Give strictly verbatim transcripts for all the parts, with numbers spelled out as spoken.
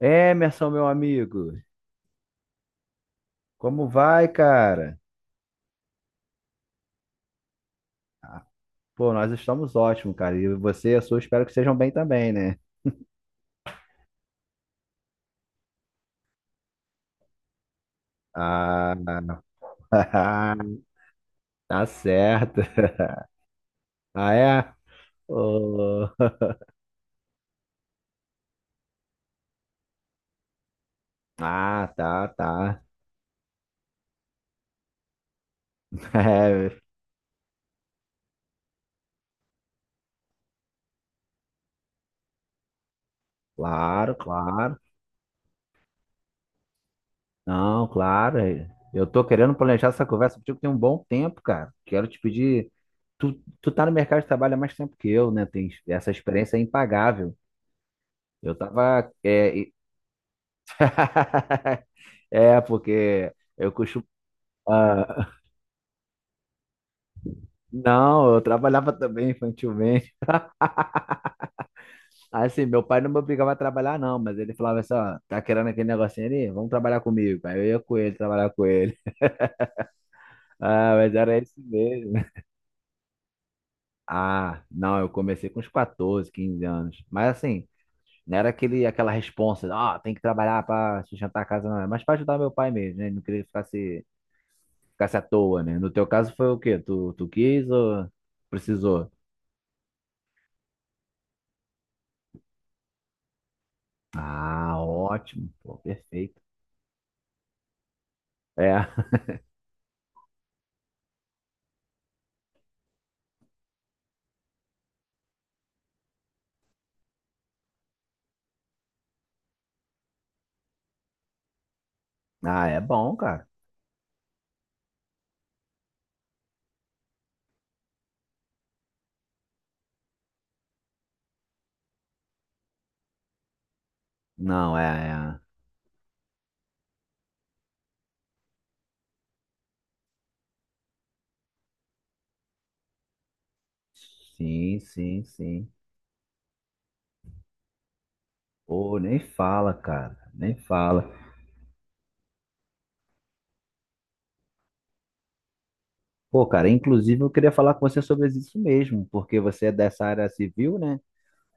Emerson, meu amigo, como vai, cara? Pô, nós estamos ótimos, cara. E você e a sua, espero que estejam bem também, né? Ah, tá certo. Ah, é? Ô. Ah, tá, tá. É, claro, claro. Não, claro. É, eu tô querendo planejar essa conversa contigo tem um bom tempo, cara. Quero te pedir. Tu, tu tá no mercado de trabalho há mais tempo que eu, né? Tem essa experiência é impagável. Eu tava. é, e- É, porque eu costumo. Ah, não, eu trabalhava também infantilmente. Assim, meu pai não me obrigava a trabalhar, não, mas ele falava assim: ó, tá querendo aquele negocinho ali? Vamos trabalhar comigo. Aí eu ia com ele, trabalhar com ele. Ah, mas era isso mesmo. Ah, não, eu comecei com uns quatorze, quinze anos. Mas assim, não era aquele, aquela responsa: ó, tem que trabalhar pra sustentar a casa, não. é Mas pra ajudar meu pai mesmo, né? Ele não queria que ficasse, ficasse à toa, né? No teu caso foi o quê? Tu, tu quis ou precisou? Ah, ótimo, pô, perfeito. É, ah, é bom, cara. Não, é, é. Sim, sim, sim. Pô, nem fala, cara, nem fala. Pô, cara, inclusive eu queria falar com você sobre isso mesmo, porque você é dessa área civil, né?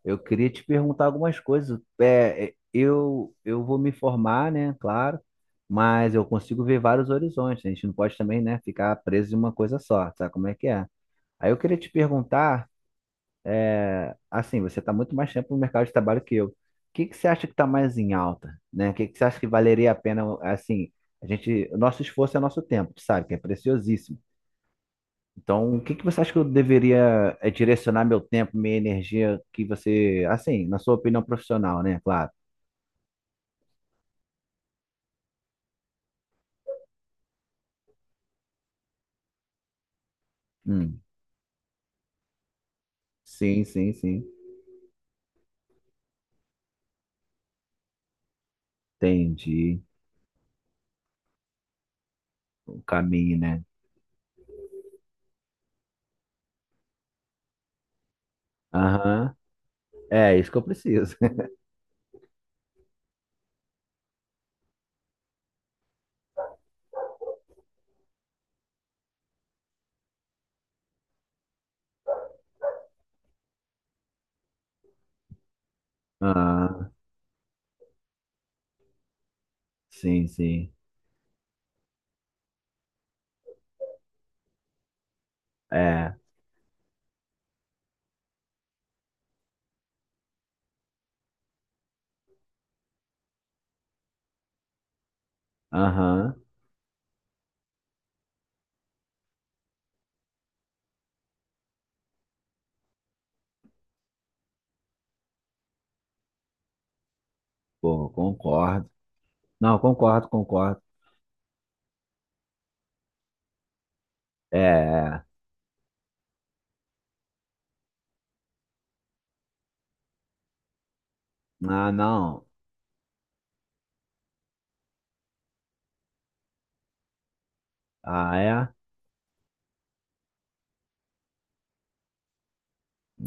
Eu queria te perguntar algumas coisas. É, é, eu, eu vou me formar, né? Claro, mas eu consigo ver vários horizontes. A gente não pode também, né, ficar preso em uma coisa só, sabe como é que é? Aí eu queria te perguntar. Assim, você está muito mais tempo no mercado de trabalho que eu. O que que você acha que está mais em alta, né? O que que você acha que valeria a pena, assim, a gente, o nosso esforço é nosso tempo, tu sabe, que é preciosíssimo. Então, o que que você acha que eu deveria eh, direcionar meu tempo, minha energia, que você, assim, na sua opinião profissional, né? Claro. Hum, sim, sim, sim. Entendi o caminho, né? Aham. É isso que eu preciso. Ah, sim, sim. É. Aham. Pô, concordo. Não, concordo, concordo. É, é. Ah, não. Ah, é?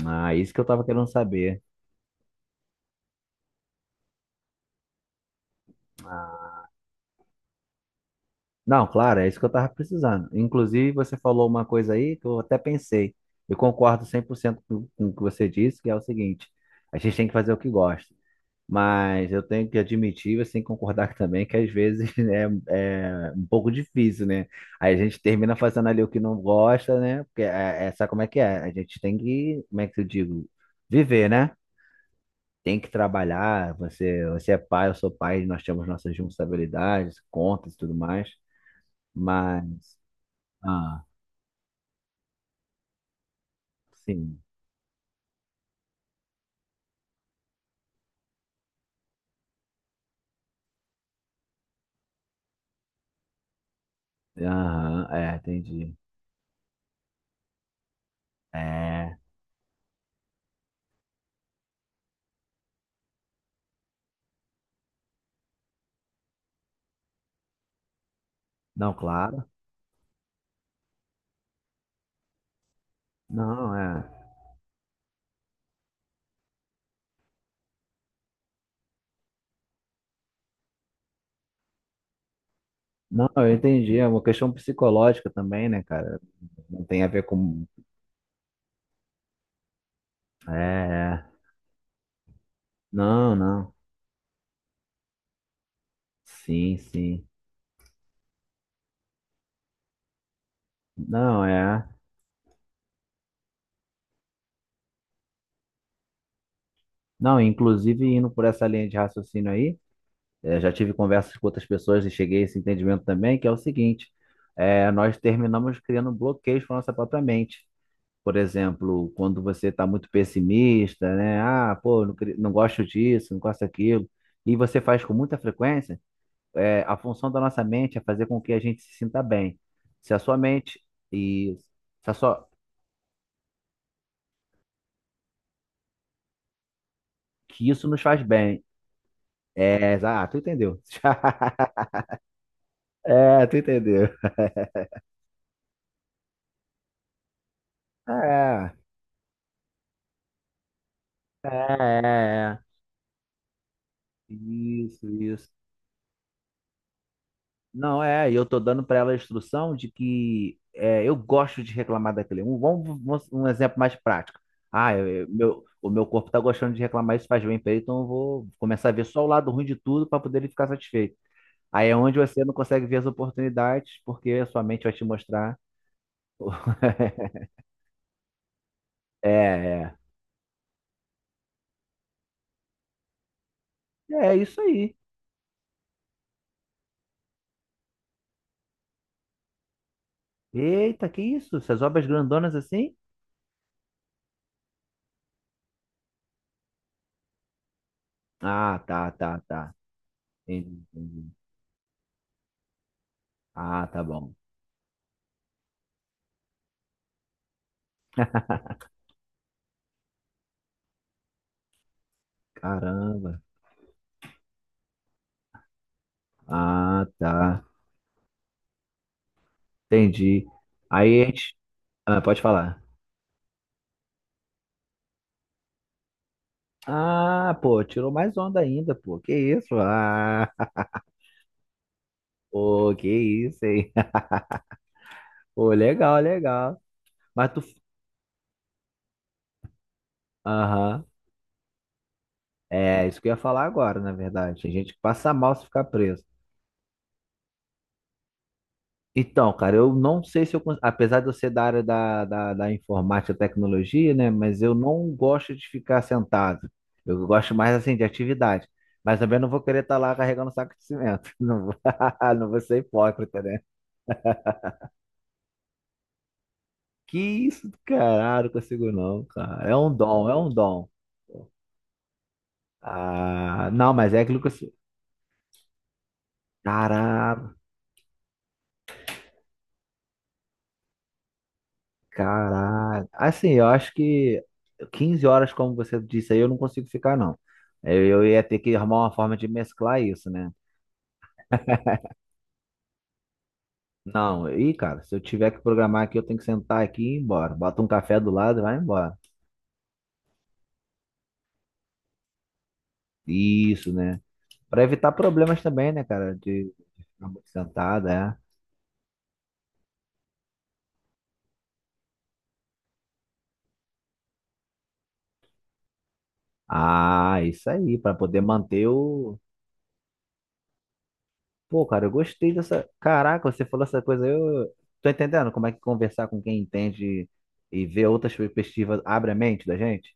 Ah, isso que eu tava querendo saber. Ah, não, claro, é isso que eu tava precisando. Inclusive, você falou uma coisa aí que eu até pensei. Eu concordo cem por cento com com o que você disse, que é o seguinte: a gente tem que fazer o que gosta. Mas eu tenho que admitir, assim, concordar também que às vezes né, é um pouco difícil, né? Aí a gente termina fazendo ali o que não gosta, né? Porque é, é, sabe como é que é? A gente tem que, como é que eu digo? Viver, né? Tem que trabalhar, você, você é pai, eu sou pai, nós temos nossas responsabilidades, contas e tudo mais. Mas, ah, sim, aham, é, entendi. É, não, claro, não, é. Não, eu entendi, é uma questão psicológica também, né, cara? Não tem a ver com. É, é. Não, não, sim, sim. Não, é. Não, inclusive indo por essa linha de raciocínio aí. É, já tive conversas com outras pessoas e cheguei a esse entendimento também, que é o seguinte: é, nós terminamos criando bloqueios para nossa própria mente. Por exemplo, quando você está muito pessimista, né? Ah, pô, não, queria- não gosto disso, não gosto daquilo, e você faz com muita frequência. É, a função da nossa mente é fazer com que a gente se sinta bem. Se a sua mente e se a sua, que isso nos faz bem. É, ah, tu entendeu? É, tu entendeu. É, é, é. É. Isso, isso. Não, é, e eu tô dando para ela a instrução de que é, eu gosto de reclamar daquele. Um, vamos, vamos- um exemplo mais prático. Ah, eu- eu- meu, o meu corpo tá gostando de reclamar, isso faz bem pra ele, então eu vou começar a ver só o lado ruim de tudo para poder ele ficar satisfeito. Aí é onde você não consegue ver as oportunidades, porque a sua mente vai te mostrar. É, é. É isso aí. Eita, que isso? Essas obras grandonas assim? Ah, tá, tá, tá. Entendi, entendi. Ah, tá bom. Caramba. Ah, tá. Entendi. Aí a gente. Ah, pode falar. Ah, pô, tirou mais onda ainda, pô. Que isso? Ah, pô, que isso, hein? Pô, legal, legal. Mas tu. Aham. É, isso que eu ia falar agora, na verdade. Tem gente que passa mal se ficar preso. Então, cara, eu não sei se eu, cons- apesar de eu ser da área da, da, da informática e tecnologia, né, mas eu não gosto de ficar sentado. Eu gosto mais, assim, de atividade. Mas também não vou querer estar lá carregando saco de cimento. Não vou, não vou ser hipócrita, né? Que isso, caralho, não consigo não, cara. É um dom, é um dom. Ah, não, mas é aquilo que eu sou. Caralho. Assim, eu acho que quinze horas, como você disse aí, eu não consigo ficar, não. É, Eu, eu ia ter que arrumar uma forma de mesclar isso, né? Não, e cara, se eu tiver que programar aqui, eu tenho que sentar aqui e ir embora. Bota um café do lado e vai embora. Isso, né? Pra evitar problemas também, né, cara? De de ficar muito sentado, é. Ah, isso aí, pra poder manter o. Pô, cara, eu gostei dessa. Caraca, você falou essa coisa, eu tô entendendo como é que conversar com quem entende e ver outras perspectivas abre a mente da gente?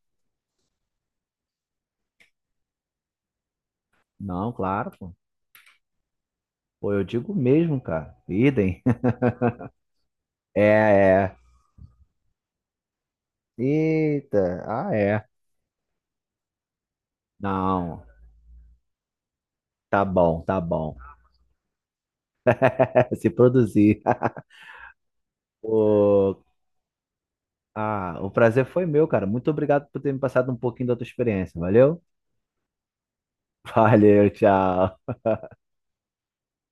Não, claro, pô. Pô, eu digo mesmo, cara. Idem. É, é. Eita, ah, é. Não, tá bom, tá bom. Se produzir. Pô, ah, o prazer foi meu, cara. Muito obrigado por ter me passado um pouquinho da tua experiência. Valeu? Valeu, tchau.